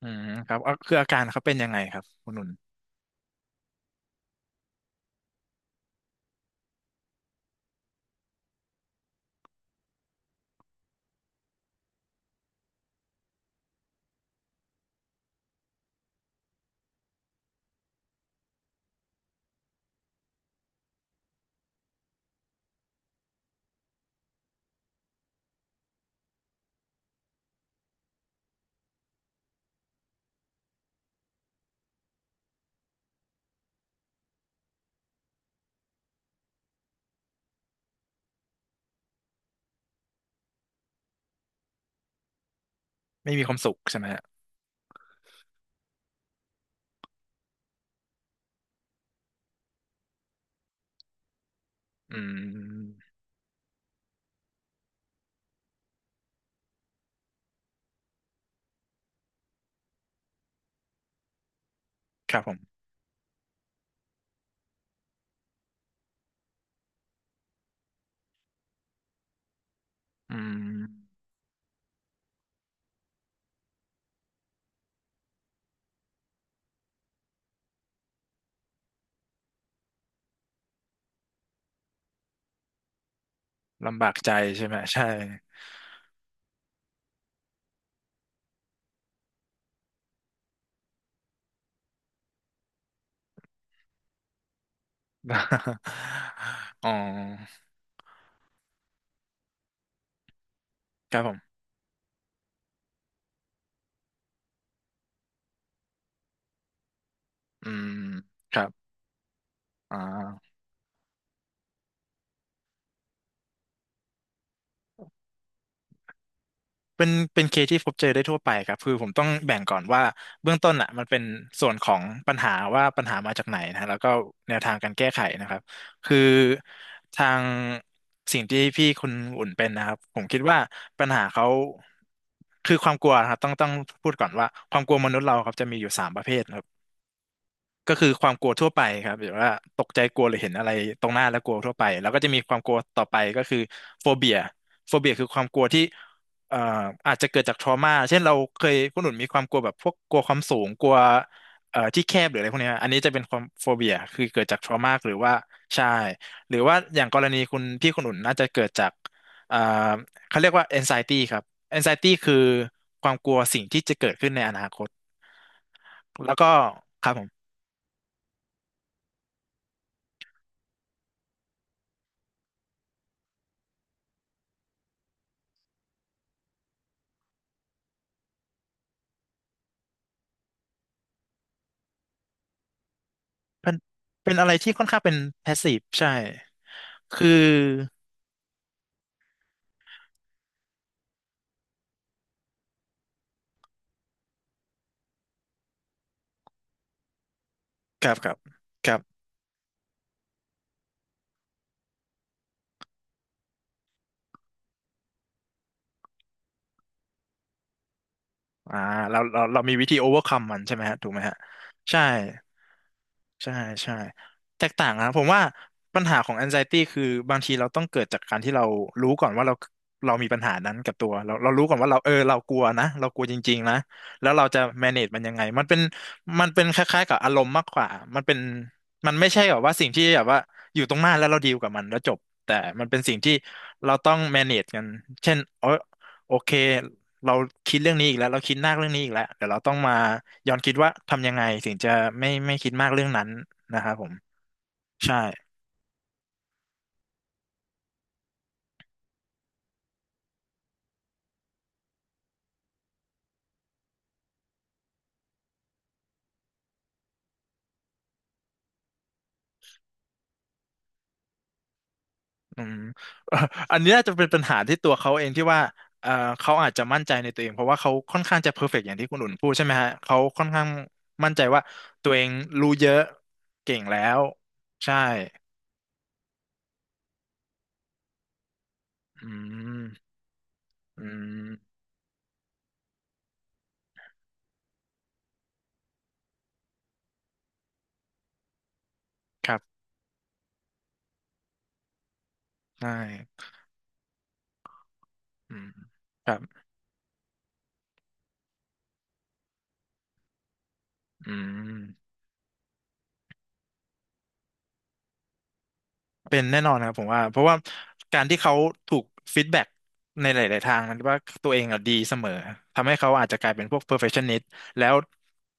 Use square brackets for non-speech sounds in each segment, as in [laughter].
อืมครับเอาคืออาการเขาเป็นยังไงครับคุณนุ่นไม่มีความสุขใช่ไหมฮะอืมครับผมอืมลำบากใจใช่ไหมใช่ [laughs] อ๋อครับผมอืมครับอ่า เป็นเป็นเคสที่พบเจอได้ทั่วไปครับคือผมต้องแบ่งก่อนว่าเบื้องต้นอ่ะมันเป็นส่วนของปัญหาว่าปัญหามาจากไหนนะแล้วก็แนวทางการแก้ไขนะครับคือทางสิ่งที่พี่คุณอุ่นเป็นนะครับผมคิดว่าปัญหาเขาคือความกลัวนะครับต้องต้องพูดก่อนว่าความกลัวมนุษย์เราครับจะมีอยู่สามประเภท ก็คือความกลัวทั่วไปครับหรือว่าตกใจกลัวหรือเห็นอะไรตรงหน้าแล้วกลัวทั่วไปแล้วก็จะมีความกลัวต่อไปก็คือโฟเบียโฟเบียคือความกลัวที่เอ่ออาจจะเกิดจากทรมาเช่นเราเคยคุณหนุนมีความกลัวแบบพวกกลัวความสูงกลัวที่แคบหรืออะไรพวกเนี้ยอันนี้จะเป็นความโฟเบียคือเกิดจากทรมาหรือว่าใช่หรือว่าอย่างกรณีคุณพี่คุณหนุนน่าจะเกิดจากเอ่อเขาเรียกว่า anxiety ครับ anxiety คือความกลัวสิ่งที่จะเกิดขึ้นในอนาคตแล้วก็ครับผม เป็นเป็นอะไรที่ค่อนข้างเป็นแพสซีฟใช่ คือกับกับกับอ่าเราเราเรามีวิธี o อเวอร์คัมมันใช่ไหมฮะถูกไหมฮะใช่ ใช่ใช่แตกต่างนะผมว่าปัญหาของ anxiety คือบางทีเราต้องเกิดจากการที่เรารู้ก่อนว่าเราเรามีปัญหานั้นกับตัวเราเรารู้ก่อนว่าเราเออเรากลัวนะเรากลัวจริงๆนะแล้วเราจะ manage มันยังไงมันเป็นมันเป็นคล้ายๆกับอารมณ์มากกว่ามันเป็นมันไม่ใช่แบบว่าสิ่งที่แบบว่าอยู่ตรงหน้าแล้วเราดีลกับมันแล้วจบแต่มันเป็นสิ่งที่เราต้อง manage กันเช่นเออโอเค เราคิดเรื่องนี้อีกแล้วเราคิดมากเรื่องนี้อีกแล้วเดี๋ยวเราต้องมาย้อนคิดว่าทำยังไงถึงจะไม่ไม่คิดมากเรื่องนั้นนะครับผมใช่อืม [laughs] เอ่ออันนี้น่าจะเป็นปัญหาที่ตัวเขาเองที่ว่าเอ่อเขาอาจจะมั่นใจในตัวเองเพราะว่าเขาค่อนข้างจะเพอร์เฟกต์อย่างที่คุณอุ่นพูดใช่ไหมฮะเขาค่อนข้างมั่นใจว่าตัวเองรู้เยอะเก่งแล้วใช่อืมอืมครับใช่อืมครับอืม เป็นแน่นอนครับผมว่าเพราะว่าการที่เขาถูกฟีดแบ็กในหลายๆทางมันว่าตัวเองอะดีเสมอทำให้เขาอาจจะกลายเป็นพวก perfectionist แล้ว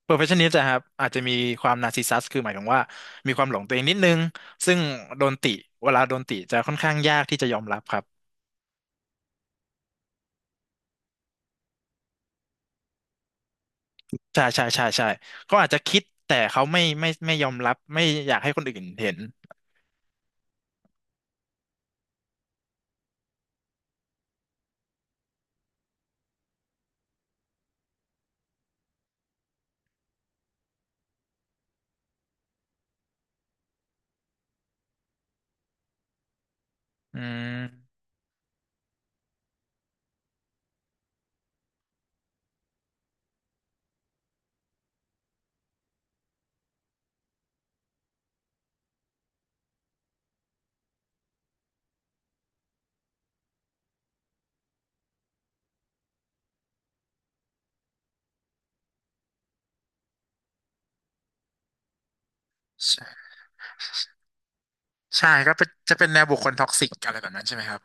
perfectionist อะครับอาจจะมีความ narcissist คือหมายถึงว่ามีความหลงตัวเองนิดนึงซึ่งโดนติเวลาโดนติจะค่อนข้างยากที่จะยอมรับครับใช่ใช่ใช่ใช่เขาอาจจะคิดแต่เขาไม่ไม่ไม่ยอมรับไม่อยากให้คนอื่นเห็นอืมใช่ใช่ก็เป็นจะเป็นแนวบุคคลท็อกซิกอะไรแบบนั้นใช่ไหมครับ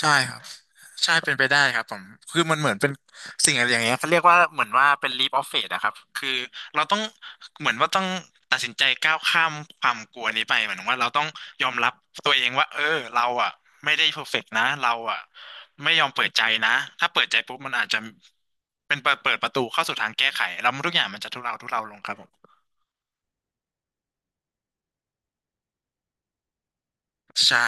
ใช่ครับใช่เป็นไปได้ครับผมคือมันเหมือนเป็นสิ่งอะไรอย่างเงี้ยเขาเรียกว่าเหมือนว่าเป็น leap of faith อะครับคือเราต้องเหมือนว่าต้องตัดสินใจก้าวข้ามความกลัวนี้ไปเหมือนว่าเราต้องยอมรับตัวเองว่าเออเราอะไม่ได้ perfect นะเราอะไม่ยอมเปิดใจนะถ้าเปิดใจปุ๊บมันอาจจะเป็นเปิดเปิดประตูเข้าสู่ทางแก้ไขแล้วทุกอย่างมันจะทุเลาทุเลาลงครับผมใช่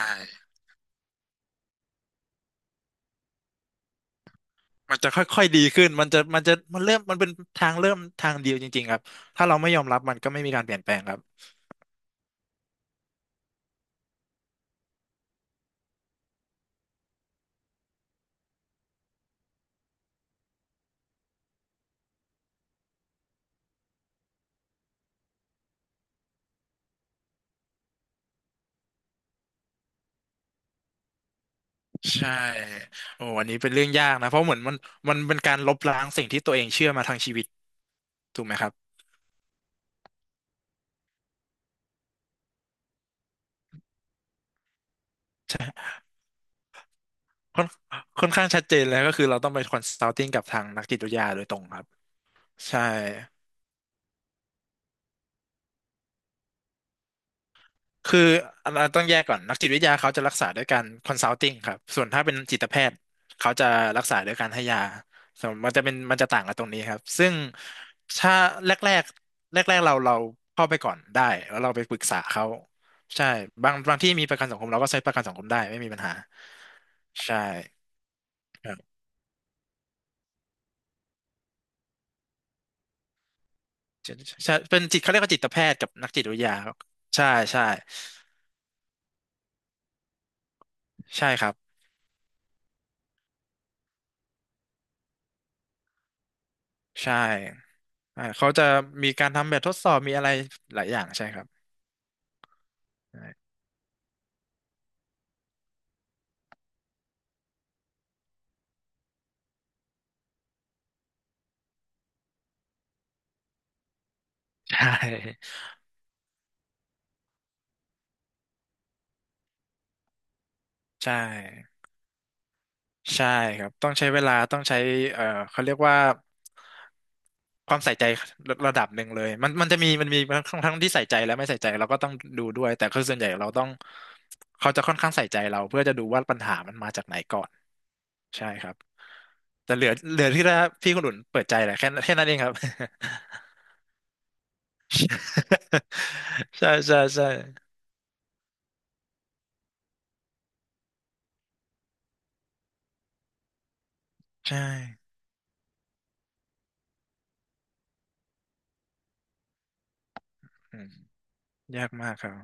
มันจะค่อยๆดีขึ้นมันจะมันจะมันเริ่มมันเป็นทางเริ่มทางเดียวจริงๆครับถ้าเราไม่ยอมรับมันก็ไม่มีการเปลี่ยนแปลงครับใช่โอ้อันนี้เป็นเรื่องยากนะเพราะเหมือนมันมันเป็นการลบล้างสิ่งที่ตัวเองเชื่อมาทางชีวิตถูกไหมครับค่อนค่อนข้างชัดเจนแล้วก็คือเราต้องไปคอนซัลติ้งกับทางนักจิตวิทยาโดยตรงครับใช่ คืออันนั้นต้องแยกก่อนนักจิตวิทยาเขาจะรักษาด้วยการคอนซัลติ้งครับส่วนถ้าเป็นจิตแพทย์เขาจะรักษาด้วยการให้ยาส่วนมันจะเป็นมันจะต่างกันตรงนี้ครับซึ่งถ้าแรกแรกแรกแรกๆเราเราเข้าไปก่อนได้แล้วเราไปปรึกษาเขาใช่บางบางที่มีประกันสังคมเราก็ใช้ประกันสังคมได้ไม่มีปัญหาใช่ครับใช่ใช่เป็นจิตเขาเรียกว่าจิตแพทย์กับนักจิตวิทยาครับใช่ใช่ใช่ครับใช่อ่าเขาจะมีการทำแบบทดสอบมีอะไรหลายอย่างใช่ครับ ใช่ใช่ใช่ครับต้องใช้เวลาต้องใช้เอ่อเขาเรียกว่าความใส่ใจระระดับหนึ่งเลยมันมันจะมีมันมีทั้งทั้งที่ใส่ใจและไม่ใส่ใจเราก็ต้องดูด้วยแต่คือส่วนใหญ่เราต้องเขาจะค่อนข้างใส่ใจเราเพื่อจะดูว่าปัญหามันมาจากไหนก่อนใช่ครับแต่เหลือเหลือที่ละพี่คนอุ่นเปิดใจแหละแค่แค่นั้นเองครับ [laughs] ใช่ใช่ใช่ใช่อืมยากมากครับ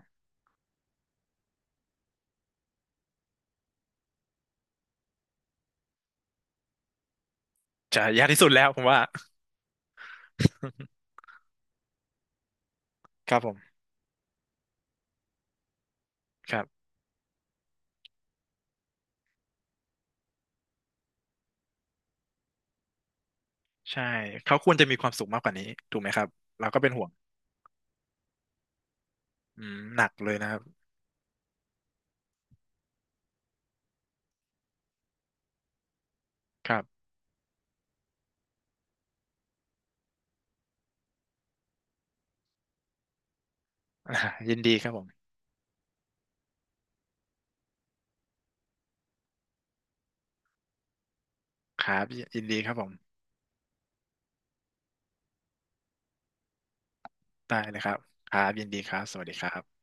จะยากที่สุดแล้วผมว่า [laughs] ครับผมครับ ใช่เขาควรจะมีความสุขมากกว่านี้ถูกไหมครับเราก็เป็นห่วงอืมหนักเลยนะครับครับ [laughs] อ่ายินดีครับผมครับยินดีครับผมได้เลยครับครับยินดีครับสวัสดีครับ